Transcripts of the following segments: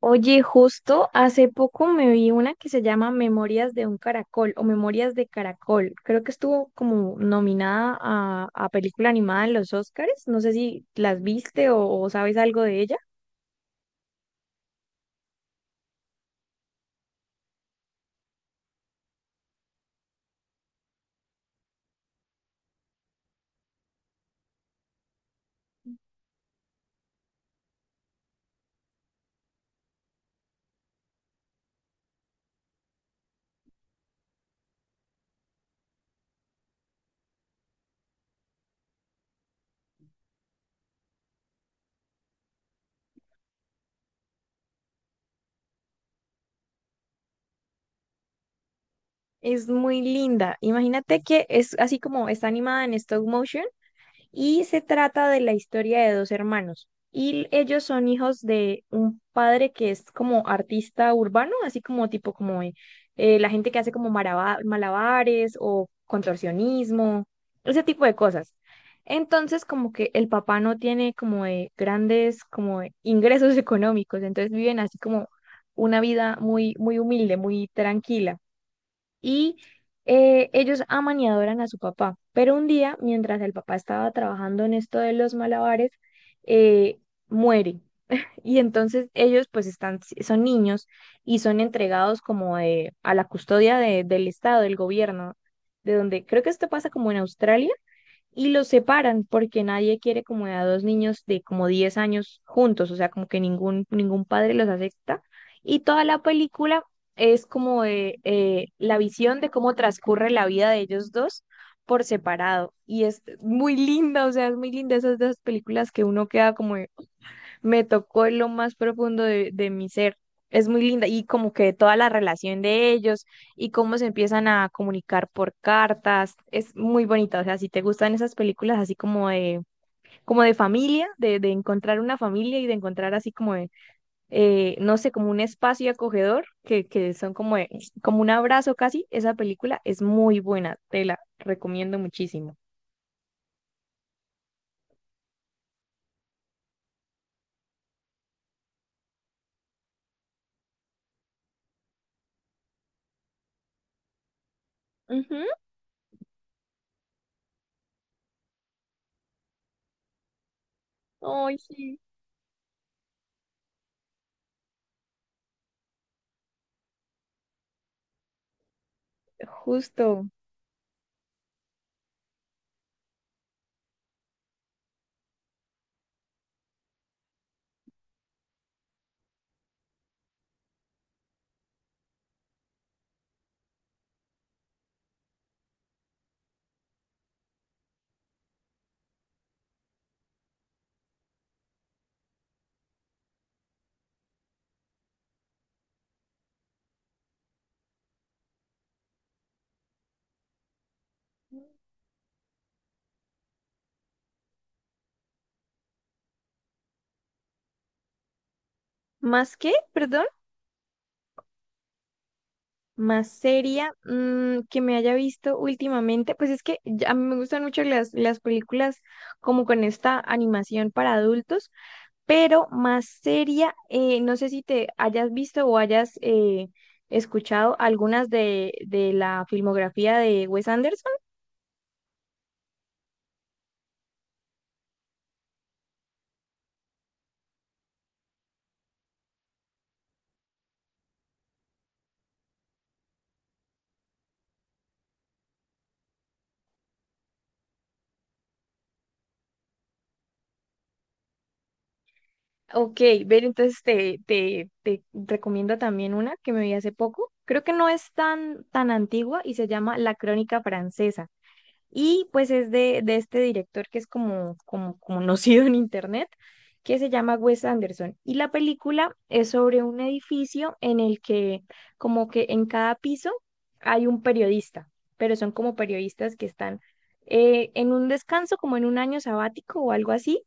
Oye, justo hace poco me vi una que se llama Memorias de un Caracol o Memorias de Caracol. Creo que estuvo como nominada a película animada en los Oscars. No sé si las viste o sabes algo de ella. Es muy linda. Imagínate que es así como está animada en stop motion. Y se trata de la historia de dos hermanos. Y ellos son hijos de un padre que es como artista urbano, así como tipo como la gente que hace como malabares o contorsionismo, ese tipo de cosas. Entonces, como que el papá no tiene como de grandes como de ingresos económicos, entonces viven así como una vida muy muy humilde, muy tranquila y ellos aman y adoran a su papá. Pero un día, mientras el papá estaba trabajando en esto de los malabares, eh, muere. Y entonces ellos pues están, son niños y son entregados a la custodia del Estado, del gobierno, de donde creo que esto pasa como en Australia, y los separan porque nadie quiere como a dos niños de como 10 años juntos, o sea, como que ningún padre los acepta. Y toda la película es como de, la visión de cómo transcurre la vida de ellos dos por separado. Y es muy linda, o sea, es muy linda esas dos películas que uno queda como, me tocó en lo más profundo de mi ser. Es muy linda y como que toda la relación de ellos y cómo se empiezan a comunicar por cartas, es muy bonita. O sea, si te gustan esas películas así como de familia, de encontrar una familia y de encontrar así como de, no sé, como un espacio acogedor, que son como, de- como un abrazo casi, esa película es muy buena, te la recomiendo muchísimo. Ujú. Ay, sí. Justo. ¿Más qué? Perdón. Más seria, mm, que me haya visto últimamente, pues es que ya- a mí me gustan mucho las películas como con esta animación para adultos, pero más seria, no sé si te hayas visto o hayas escuchado algunas de la filmografía de Wes Anderson. Ok, ver, entonces te recomiendo también una que me vi hace poco. Creo que no es tan antigua y se llama La Crónica Francesa. Y pues es de este director que es como conocido en internet, que se llama Wes Anderson. Y la película es sobre un edificio en el que como que en cada piso hay un periodista, pero son como periodistas que están en un descanso, como en un año sabático o algo así.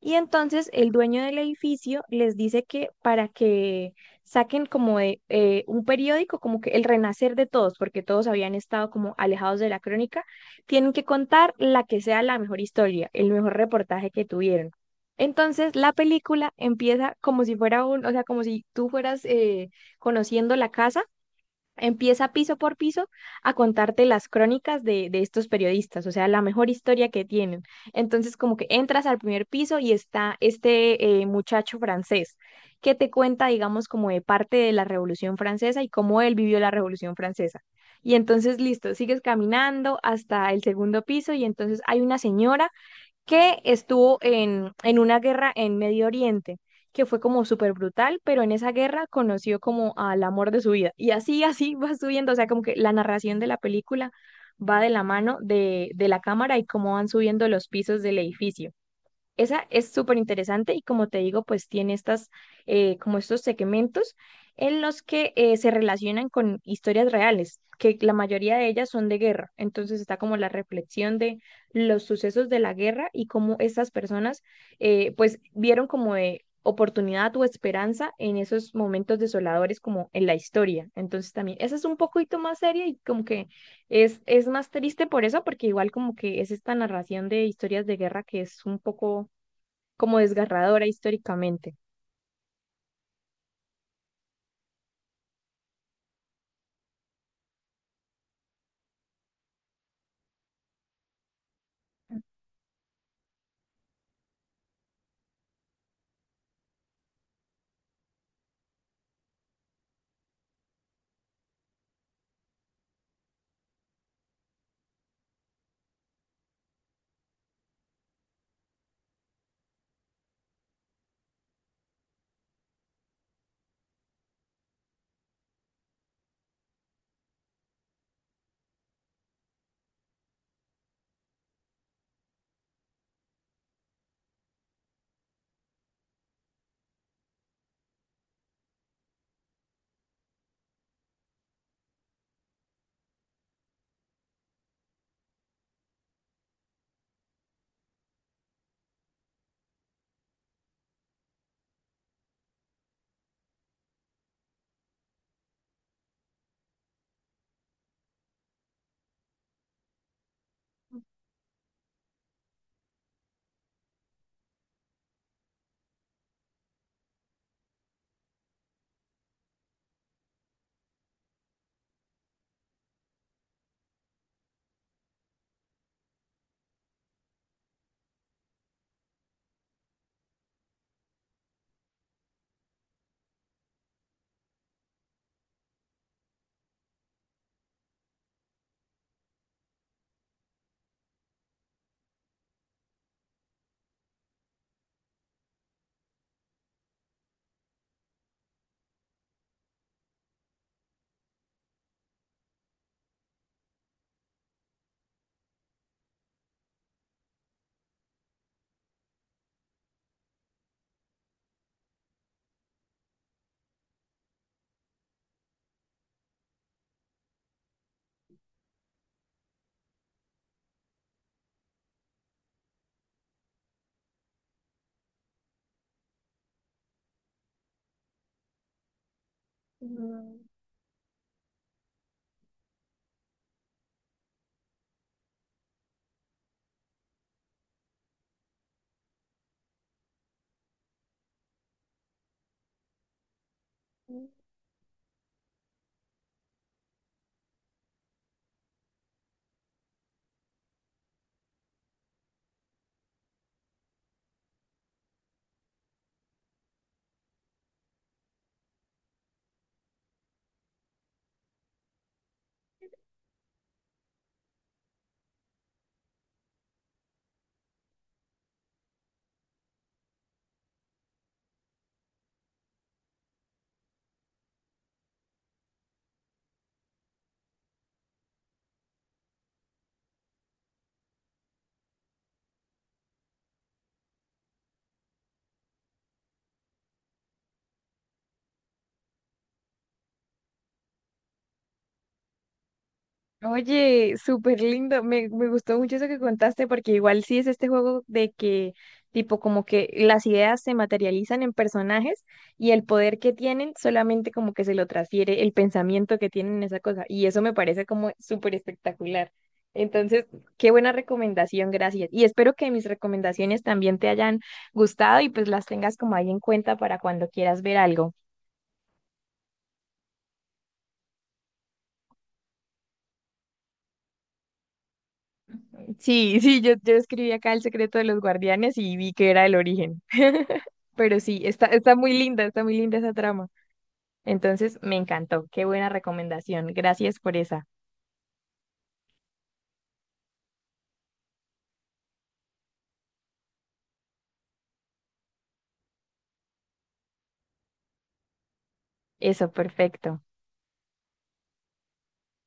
Y entonces el dueño del edificio les dice que para que saquen como de, un periódico, como que el renacer de todos, porque todos habían estado como alejados de la crónica, tienen que contar la que sea la mejor historia, el mejor reportaje que tuvieron. Entonces, la película empieza como si fuera un, o sea, como si tú fueras conociendo la casa. Empieza piso por piso a contarte las crónicas de estos periodistas, o sea, la mejor historia que tienen. Entonces, como que entras al primer piso y está este muchacho francés que te cuenta, digamos, como de parte de la Revolución Francesa y cómo él vivió la Revolución Francesa. Y entonces, listo, sigues caminando hasta el segundo piso y entonces hay una señora que estuvo en una guerra en Medio Oriente, que fue como súper brutal, pero en esa guerra conoció como al amor de su vida. Y así, así va subiendo, o sea, como que la narración de la película va de la mano de la cámara y cómo van subiendo los pisos del edificio. Esa es súper interesante y como te digo, pues tiene estas, como estos segmentos en los que se relacionan con historias reales, que la mayoría de ellas son de guerra. Entonces está como la reflexión de los sucesos de la guerra y cómo estas personas pues vieron como de oportunidad o esperanza en esos momentos desoladores como en la historia. Entonces también, esa es un poquito más seria y como que es más triste por eso, porque igual como que es esta narración de historias de guerra que es un poco como desgarradora históricamente. Oye, súper lindo. Me gustó mucho eso que contaste porque igual sí es este juego de que tipo como que las ideas se materializan en personajes y el poder que tienen solamente como que se lo transfiere el pensamiento que tienen en esa cosa. Y eso me parece como súper espectacular. Entonces, qué buena recomendación, gracias. Y espero que mis recomendaciones también te hayan gustado y pues las tengas como ahí en cuenta para cuando quieras ver algo. Sí, sí, yo escribí acá El secreto de los guardianes y vi que era el origen. Pero sí, está, está muy linda esa trama. Entonces, me encantó. Qué buena recomendación. Gracias por esa. Eso, perfecto.